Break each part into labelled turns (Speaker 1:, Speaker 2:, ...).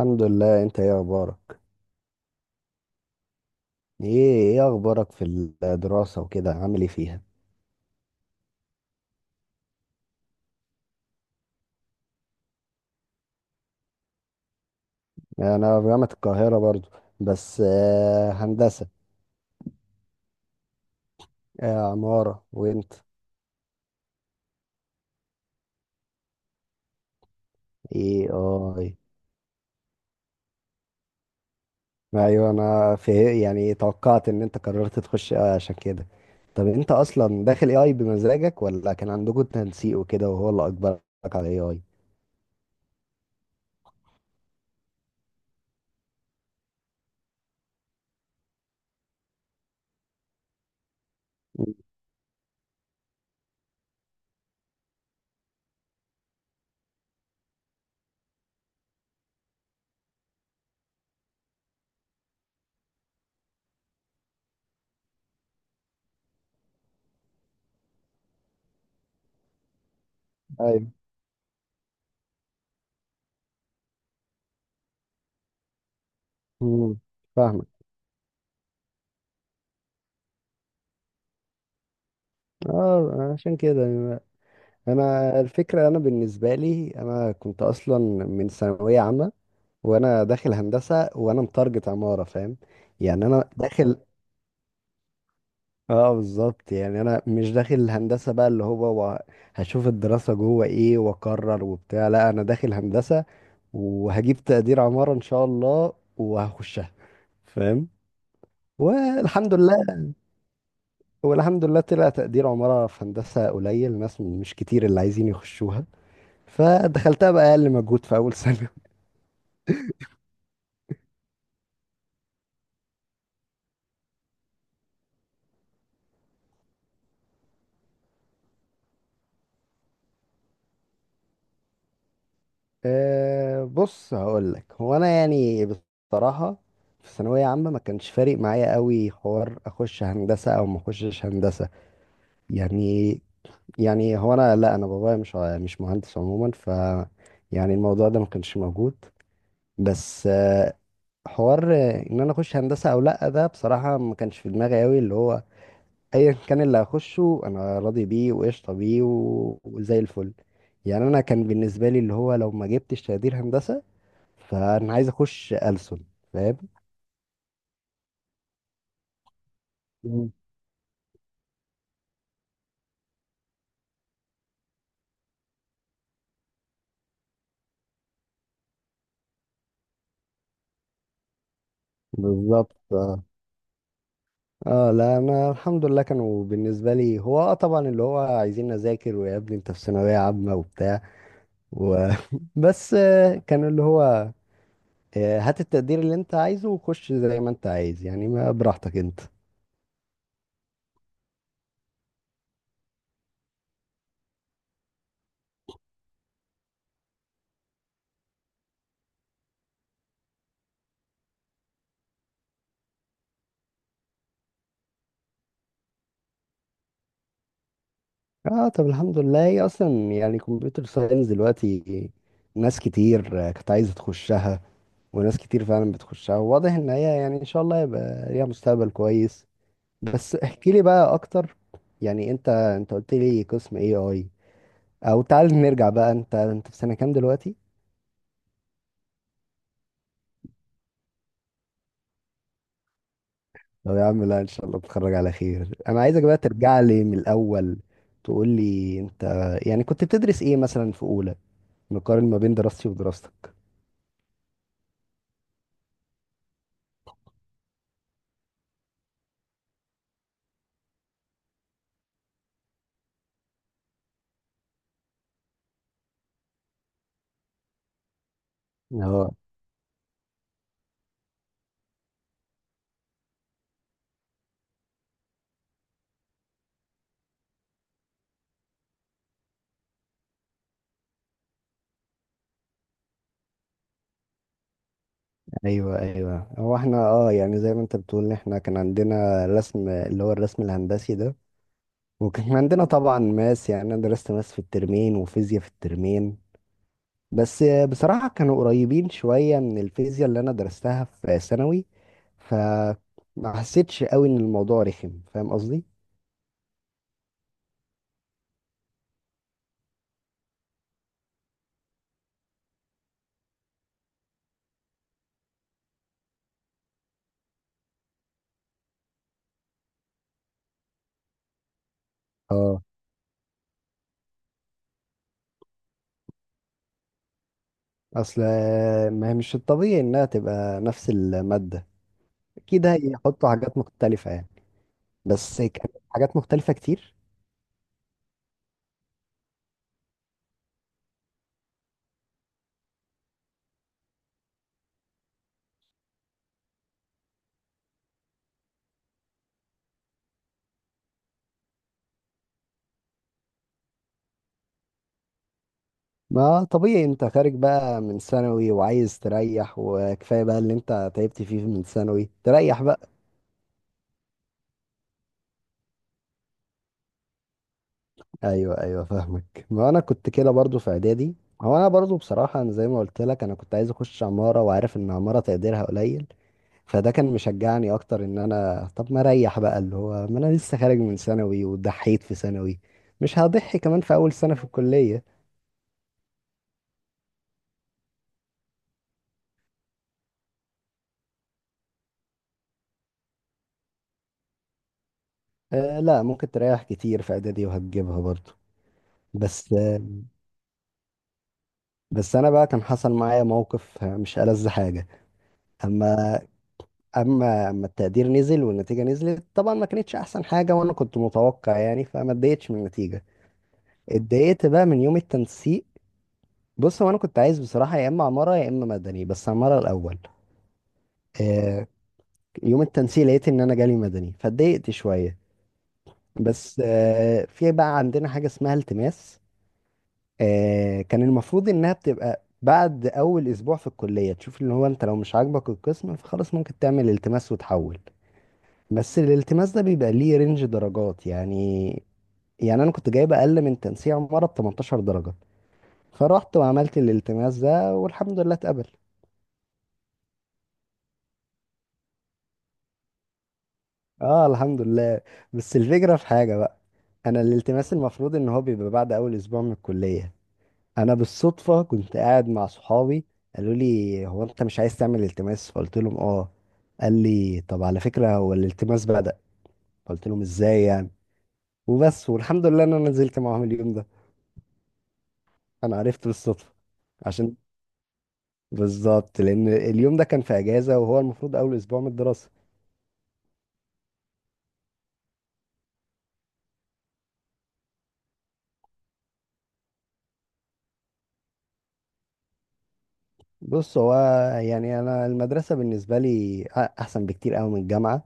Speaker 1: الحمد لله. انت ايه اخبارك؟ ايه اخبارك في الدراسة وكده، عامل ايه فيها؟ يعني انا في جامعة القاهرة برضو، بس هندسة. عمارة. وانت؟ ايه ايه؟ ايوه، انا في، يعني توقعت ان انت قررت تخش، عشان كده. طب انت اصلا داخل اي اي بمزاجك، ولا كان عندكم تنسيق وكده وهو اللي اجبرك على اي اي؟ ايوه. مم، فاهمك. اه، عشان كده يعني. انا الفكره، انا بالنسبه لي انا كنت اصلا من ثانويه عامه، وانا داخل هندسه، وانا متارجت عماره، فاهم؟ يعني انا داخل، اه بالظبط، يعني انا مش داخل الهندسه بقى اللي هو هشوف الدراسه جوه ايه واقرر وبتاع. لا، انا داخل هندسه وهجيب تقدير عماره ان شاء الله وهخشها، فاهم؟ والحمد لله. والحمد لله طلع تقدير عماره. في هندسه قليل ناس، مش كتير اللي عايزين يخشوها، فدخلتها بقى اقل مجهود في اول سنه. أه، بص هقول لك، هو انا يعني بصراحه في ثانويه عامه ما كانش فارق معايا قوي حوار اخش هندسه او ما اخشش هندسه يعني. يعني هو انا، لا انا بابايا مش مش مهندس عموما، ف يعني الموضوع ده ما كانش موجود. بس أه، حوار ان انا اخش هندسه او لا، ده بصراحه ما كانش في دماغي قوي، اللي هو ايا كان اللي هخشه انا راضي بيه وقشطه بيه، وزي الفل. يعني انا كان بالنسبه لي اللي هو لو ما جبتش تقدير هندسه فانا عايز اخش ألسن، فاهم؟ مم. بالظبط، اه. لا انا الحمد لله، كانوا بالنسبه لي هو اه طبعا اللي هو عايزين اذاكر ويا ابني انت في ثانويه عامه وبتاع، و... بس كان اللي هو هات التقدير اللي انت عايزه وخش زي ما انت عايز، يعني ما براحتك انت. اه، طب الحمد لله. هي اصلا يعني كمبيوتر ساينس دلوقتي ناس كتير كانت عايزه تخشها، وناس كتير فعلا بتخشها، واضح ان هي يعني ان شاء الله يبقى ليها مستقبل كويس. بس احكي لي بقى اكتر، يعني انت قلت لي قسم اي اي، او تعال نرجع بقى، انت في سنة كام دلوقتي؟ طب يا عم، لا ان شاء الله تتخرج على خير. انا عايزك بقى ترجع لي من الاول، تقول لي انت يعني كنت بتدرس ايه مثلا في اولى، نقارن ما بين دراستي ودراستك. اه، ايوه ايوه، هو احنا يعني زي ما انت بتقول احنا كان عندنا رسم، اللي هو الرسم الهندسي ده. وكان عندنا طبعا ماس. يعني انا درست ماس في الترمين وفيزياء في الترمين، بس بصراحة كانوا قريبين شوية من الفيزياء اللي أنا درستها في ثانوي، فما حسيتش قوي إن الموضوع رخم، فاهم قصدي؟ اه، أصل ما هي مش الطبيعي إنها تبقى نفس المادة، أكيد هيحطوا حاجات مختلفة يعني. بس كانت حاجات مختلفة كتير. ما طبيعي، أنت خارج بقى من ثانوي وعايز تريح، وكفاية بقى اللي أنت تعبت فيه من ثانوي، تريح بقى. ايوه ايوه فاهمك، ما انا كنت كده برضو في اعدادي. هو انا برضو بصراحه انا زي ما قلت لك انا كنت عايز اخش عماره وعارف ان عماره تقديرها قليل، فده كان مشجعني اكتر ان انا طب ما اريح بقى، اللي هو ما انا لسه خارج من ثانوي وضحيت في ثانوي، مش هضحي كمان في اول سنه في الكليه. لا، ممكن تريح كتير في اعدادي وهتجيبها برضو. بس آه، بس انا بقى كان حصل معايا موقف مش ألذ حاجه. اما اما التقدير نزل والنتيجه نزلت طبعا، ما كانتش احسن حاجه وانا كنت متوقع يعني، فما اتضايقتش من النتيجه. اتضايقت بقى من يوم التنسيق. بص، هو انا كنت عايز بصراحه يا اما عماره يا اما مدني، بس عماره الاول. آه، يوم التنسيق لقيت ان انا جالي مدني فاتضايقت شويه. بس في بقى عندنا حاجه اسمها التماس. كان المفروض انها بتبقى بعد اول اسبوع في الكليه تشوف، اللي هو انت لو مش عاجبك القسم فخلاص ممكن تعمل التماس وتحول. بس الالتماس ده بيبقى ليه رينج درجات يعني، يعني انا كنت جايب اقل من تنسيق عمارة ب 18 درجة، فرحت وعملت الالتماس ده والحمد لله اتقبل. اه الحمد لله. بس الفكرة في حاجة بقى. انا الالتماس المفروض ان هو بيبقى بعد اول اسبوع من الكلية، انا بالصدفة كنت قاعد مع صحابي، قالوا لي هو انت مش عايز تعمل التماس؟ فقلت لهم اه. قال لي طب على فكرة هو الالتماس بدأ. قلت لهم ازاي يعني. وبس، والحمد لله ان انا نزلت معاهم اليوم ده. انا عرفت بالصدفه. عشان بالظبط، لان اليوم ده كان في اجازه وهو المفروض اول اسبوع من الدراسه. بص هو يعني انا المدرسه بالنسبه لي احسن بكتير قوي من الجامعه،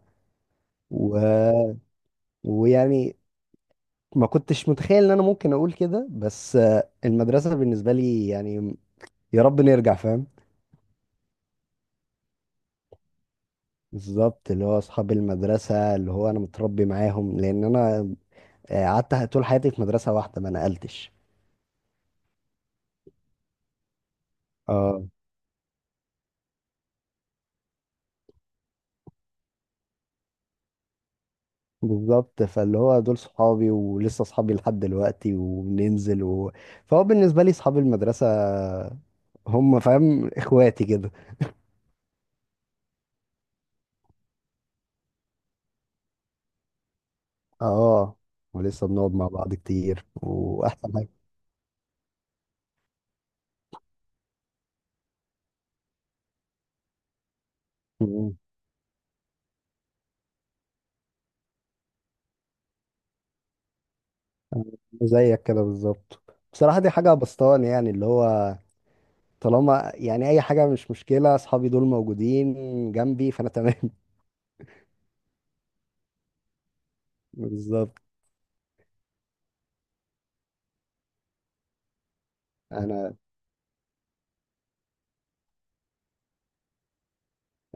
Speaker 1: و... ويعني ما كنتش متخيل ان انا ممكن اقول كده، بس المدرسه بالنسبه لي يعني يا رب نرجع، فاهم؟ بالظبط، اللي هو اصحاب المدرسه اللي هو انا متربي معاهم، لان انا قعدت طول حياتي في مدرسه واحده ما نقلتش. اه بالظبط، فاللي هو دول صحابي ولسه صحابي لحد دلوقتي وبننزل، و... فهو بالنسبة لي صحاب المدرسة هم فاهم اخواتي كده. اه، ولسه بنقعد مع بعض كتير، واحسن حاجة. مم. زيك كده بالظبط. بصراحة دي حاجة بسطاني، يعني اللي هو طالما يعني اي حاجة مش مشكلة، اصحابي دول موجودين جنبي فانا تمام. بالظبط. انا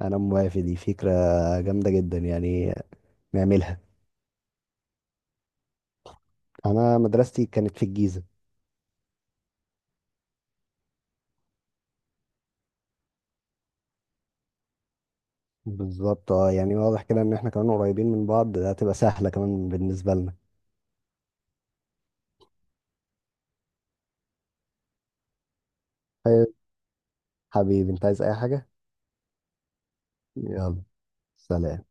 Speaker 1: انا موافق، دي فكرة جامدة جدا يعني، نعملها. انا مدرستي كانت في الجيزة. بالظبط، اه يعني واضح كده ان احنا كمان قريبين من بعض، ده هتبقى سهلة كمان بالنسبة لنا. طيب، حبيبي انت عايز اي حاجة. يلا، سلام.